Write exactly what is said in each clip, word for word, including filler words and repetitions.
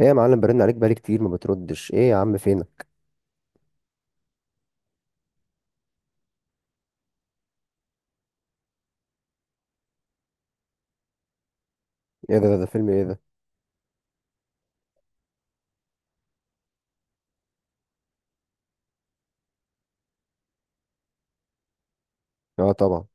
ايه يا معلم، برن عليك بقالي كتير ما بتردش. ايه يا عم فينك؟ ايه ده ده, ده فيلم ايه ده؟ اه طبعا.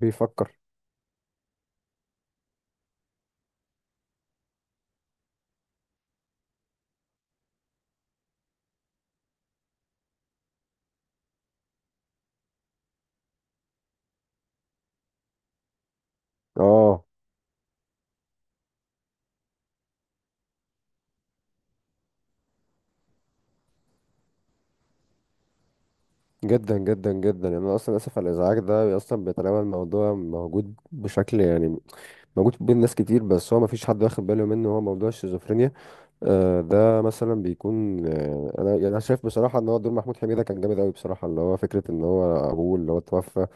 بيفكر. اه جدا جدا جدا. يعني انا اصلا اسف على الازعاج ده اصلا بيتناول موضوع موجود، بشكل يعني موجود بين ناس كتير، بس هو ما فيش حد واخد باله منه. هو موضوع الشيزوفرينيا. آه، ده مثلا بيكون آه، انا يعني انا شايف بصراحه ان هو دور محمود حميده كان جامد قوي بصراحه، اللي هو فكره ان هو ابوه اللي هو توفى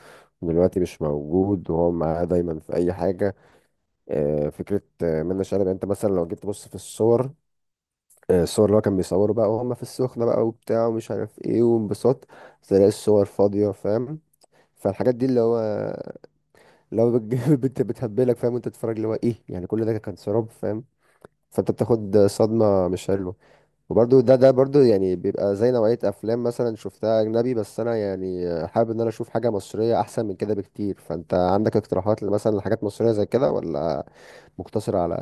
دلوقتي مش موجود، وهو معاه دايما في اي حاجه. آه، فكرة آه، منة شلبي، يعني انت مثلا لو جيت تبص في الصور، آه، الصور اللي هو كان بيصوره بقى وهم في السخنة بقى وبتاع ومش عارف ايه وانبساط، تلاقي الصور فاضية، فاهم؟ فالحاجات دي اللي هو اللي هو بتج- بت- بتهبلك، فاهم؟ وانت تتفرج اللي هو ايه، يعني كل ده كان سراب، فاهم؟ فانت بتاخد صدمة مش حلوة. وبرده ده ده برده يعني بيبقى زي نوعية افلام مثلا شفتها اجنبي، بس انا يعني حابب ان انا اشوف حاجة مصرية احسن من كده بكتير. فانت عندك اقتراحات مثلا لحاجات مصرية زي كده، ولا مقتصر على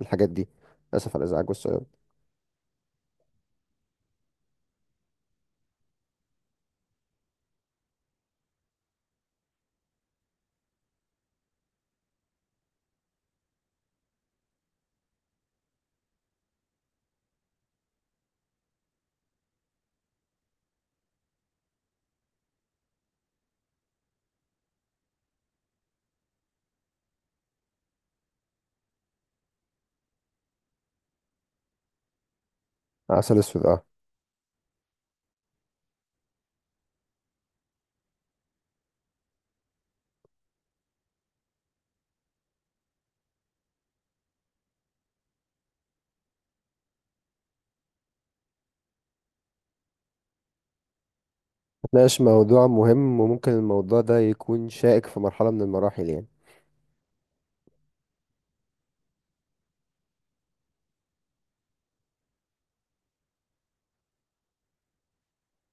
الحاجات دي؟ اسف على الازعاج والسلام. عسل اسود، اه. ناقش موضوع مهم، وممكن الموضوع ده يكون شائك في مرحلة من المراحل يعني.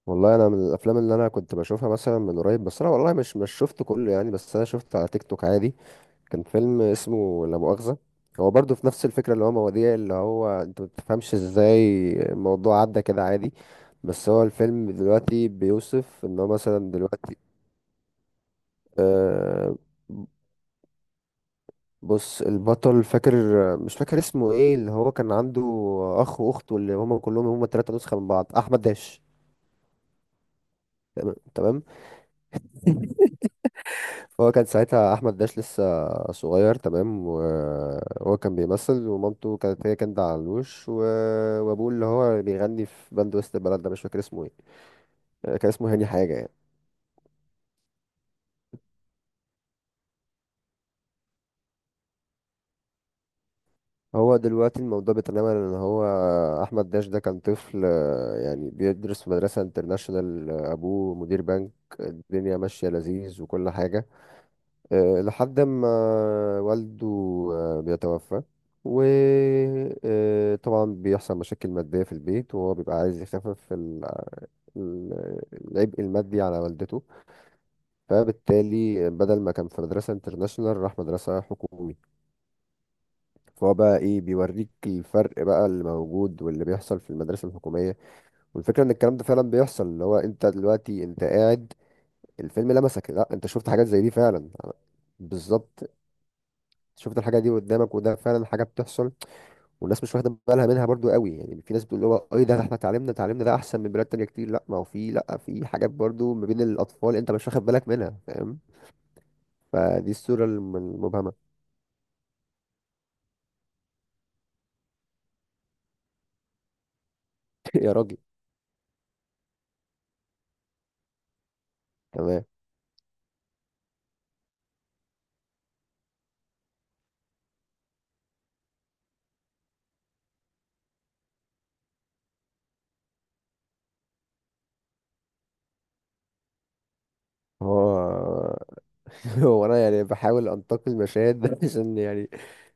والله انا من الافلام اللي انا كنت بشوفها مثلا من قريب، بس انا والله مش مش شفت كله يعني، بس انا شفت على تيك توك عادي. كان فيلم اسمه لا مؤاخذة. هو برضه في نفس الفكرة، اللي هو مواضيع اللي هو انت ما بتفهمش ازاي الموضوع عدى كده عادي. بس هو الفيلم دلوقتي بيوصف ان هو مثلا دلوقتي آه، بص، البطل فاكر، مش فاكر اسمه ايه، اللي هو كان عنده اخ واخت، واللي هما كلهم هما تلاتة نسخة من بعض. احمد داش. تمام. فهو كان ساعتها احمد داش لسه صغير. تمام. وهو كان بيمثل، ومامته كانت هي كانت علوش، و... وابوه اللي هو بيغني في باند وسط البلد، ده مش فاكر اسمه ايه، كان اسمه هاني حاجة يعني. هو دلوقتي الموضوع بيتنمى ان هو احمد داش ده كان طفل، آه، يعني بيدرس في مدرسة انترناشونال، آه، ابوه مدير بنك، الدنيا ماشية لذيذ وكل حاجة، آه، لحد ما والده آه، بيتوفى. وطبعا بيحصل مشاكل مادية في البيت، وهو بيبقى عايز يخفف ال- ال- العبء المادي على والدته. فبالتالي بدل ما كان في مدرسة انترناشونال، راح مدرسة حكومي. فهو بقى ايه، بيوريك الفرق بقى اللي موجود واللي بيحصل في المدرسة الحكومية. والفكرة ان الكلام ده فعلا بيحصل، اللي هو انت دلوقتي انت قاعد، الفيلم لمسك، لا انت شفت حاجات زي دي فعلا. بالظبط. شفت الحاجه دي قدامك، وده فعلا حاجه بتحصل. والناس مش واخده بالها منها برضو قوي يعني. في ناس بتقول اللي هو ايه ده، احنا تعليمنا تعليمنا ده احسن من بلاد تانية كتير، لا ما هو في، لا، في حاجات برضو ما بين الاطفال انت مش واخد بالك منها، فاهم؟ فدي الصوره الم- المبهمه. يا راجل. تمام. هو هو انا يعني بحاول انتقي المشاهد ده عشان يعني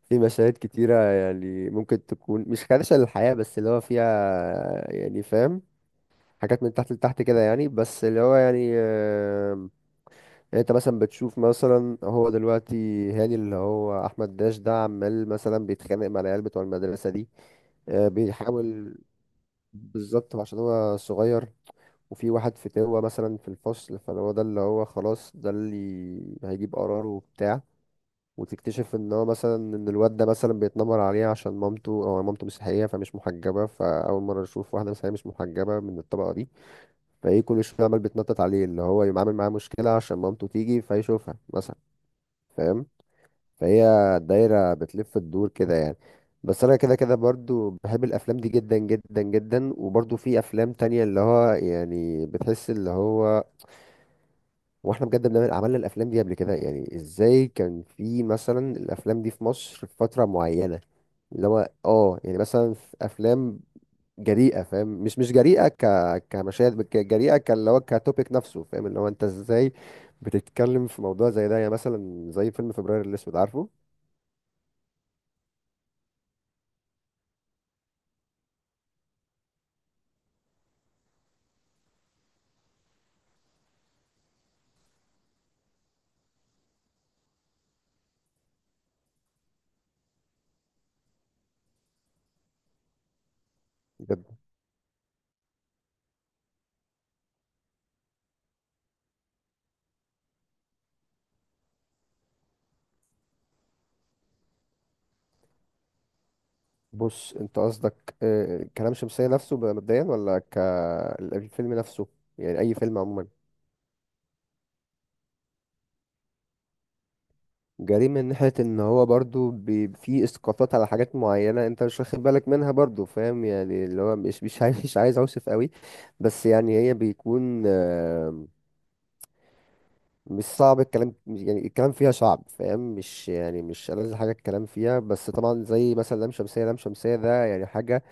في مشاهد كتيرة يعني، ممكن تكون مش خادشة للحياة، بس اللي هو فيها يعني، فاهم؟ حاجات من تحت لتحت كده يعني، بس اللي هو يعني آه، يعني انت مثلا بتشوف مثلا، هو دلوقتي هاني اللي هو احمد داش ده عمال مثلا بيتخانق مع العيال بتوع المدرسه دي، آه، بيحاول. بالظبط، عشان هو صغير. وفي واحد فتاوة مثلا في الفصل، فهو ده اللي هو خلاص ده اللي هيجيب قراره وبتاع. وتكتشف ان هو مثلا ان الواد ده مثلا بيتنمر عليه عشان مامته، او مامته مسيحية فمش محجبة، فأول مرة يشوف واحدة مسيحية مش محجبة من الطبقة دي. فايه كل شوية عمال بيتنطط عليه اللي هو يعمل معاه مشكلة عشان مامته تيجي فيشوفها مثلا، فاهم؟ فهي دايرة بتلف الدور كده يعني. بس انا كده كده برضو بحب الافلام دي جدا جدا جدا. وبرضو في افلام تانية اللي هو يعني بتحس اللي هو، واحنا بجد بنعمل عملنا الافلام دي قبل كده يعني ازاي. كان في مثلا الافلام دي في مصر في فترة معينة، اللي هو اه يعني مثلا في افلام جريئة، فاهم؟ مش مش جريئة ك كمشاهد، ك- جريئة كاللي هو كتوبيك نفسه، فاهم؟ اللي هو انت ازاي بتتكلم في موضوع زي ده يعني، مثلا زي فيلم فبراير الاسود، عارفه؟ بص انت قصدك آه، كلام شمسية نفسه بقى مبدئيا، ولا كالفيلم نفسه؟ يعني اي فيلم عموما جريء من ناحية ان هو برضو بي- في اسقاطات على حاجات معينة انت مش واخد بالك منها برضو، فاهم يعني؟ اللي هو مش مش عايز مش عايز اوصف قوي، بس يعني هي بيكون آه، مش صعب الكلام يعني، الكلام فيها صعب، فاهم؟ مش يعني مش ألذ حاجة الكلام فيها. بس طبعا زي مثلا لام شمسية، لام شمسية ده يعني حاجة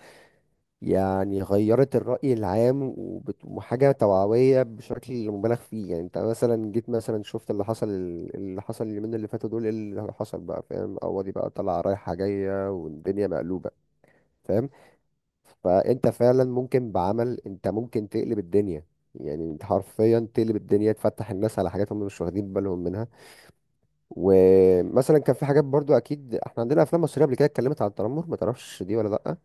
يعني غيرت الرأي العام، وبت- وحاجة توعوية بشكل مبالغ فيه يعني. انت مثلا جيت مثلا شفت اللي حصل، اللي حصل اليومين اللي فاتوا دول ايه اللي حصل بقى، فاهم؟ قواضي بقى طالعة رايحة جاية والدنيا مقلوبة، فاهم؟ فانت فعلا ممكن بعمل، انت ممكن تقلب الدنيا، يعني انت حرفيا تقلب الدنيا، تفتح الناس على حاجات هم مش واخدين بالهم منها. ومثلا كان في حاجات برضو، اكيد احنا عندنا افلام مصرية قبل كده اتكلمت عن التنمر، ما تعرفش دي ولا لا؟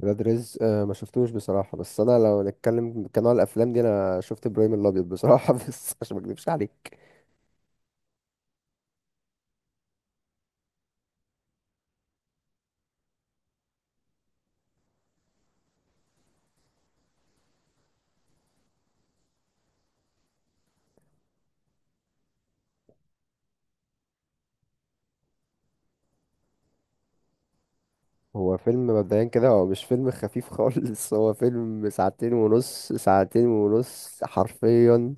ولاد رزق آه، ما شفتوش بصراحة، بس أنا لو نتكلم كنوع الأفلام دي أنا شفت إبراهيم الأبيض بصراحة بس عشان ما أكدبش عليك. هو فيلم مبدئيا كده هو مش فيلم خفيف خالص هو فيلم ساعتين ونص، ساعتين ونص حرفيا،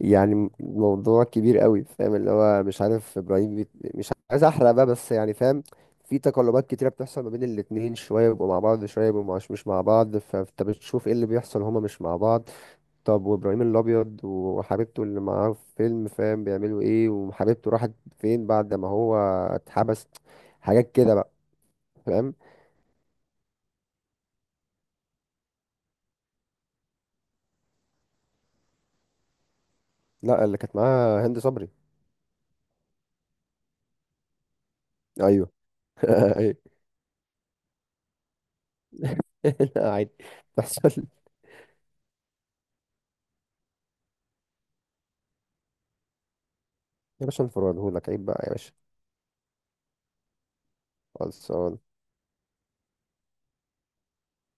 يعني موضوع كبير قوي، فاهم؟ اللي هو مش عارف إبراهيم بيت... مش عايز أحرق بقى بس يعني فاهم. في تقلبات كتيرة بتحصل ما بين الاتنين، شوية بيبقوا مع بعض، شوية بيبقوا مش مش مع بعض، فأنت بتشوف إيه اللي بيحصل هما مش مع بعض. طب وابراهيم الابيض وحبيبته اللي معاه في فيلم، فاهم، بيعملوا ايه؟ وحبيبته راحت فين بعد ما هو اتحبس؟ حاجات كده بقى، فاهم. لا، اللي كانت معاها هند صبري. ايوه. ايوه. لا عادي، تحصل. يا باشا، انفرادهولك عيب بقى يا باشا. خلصان.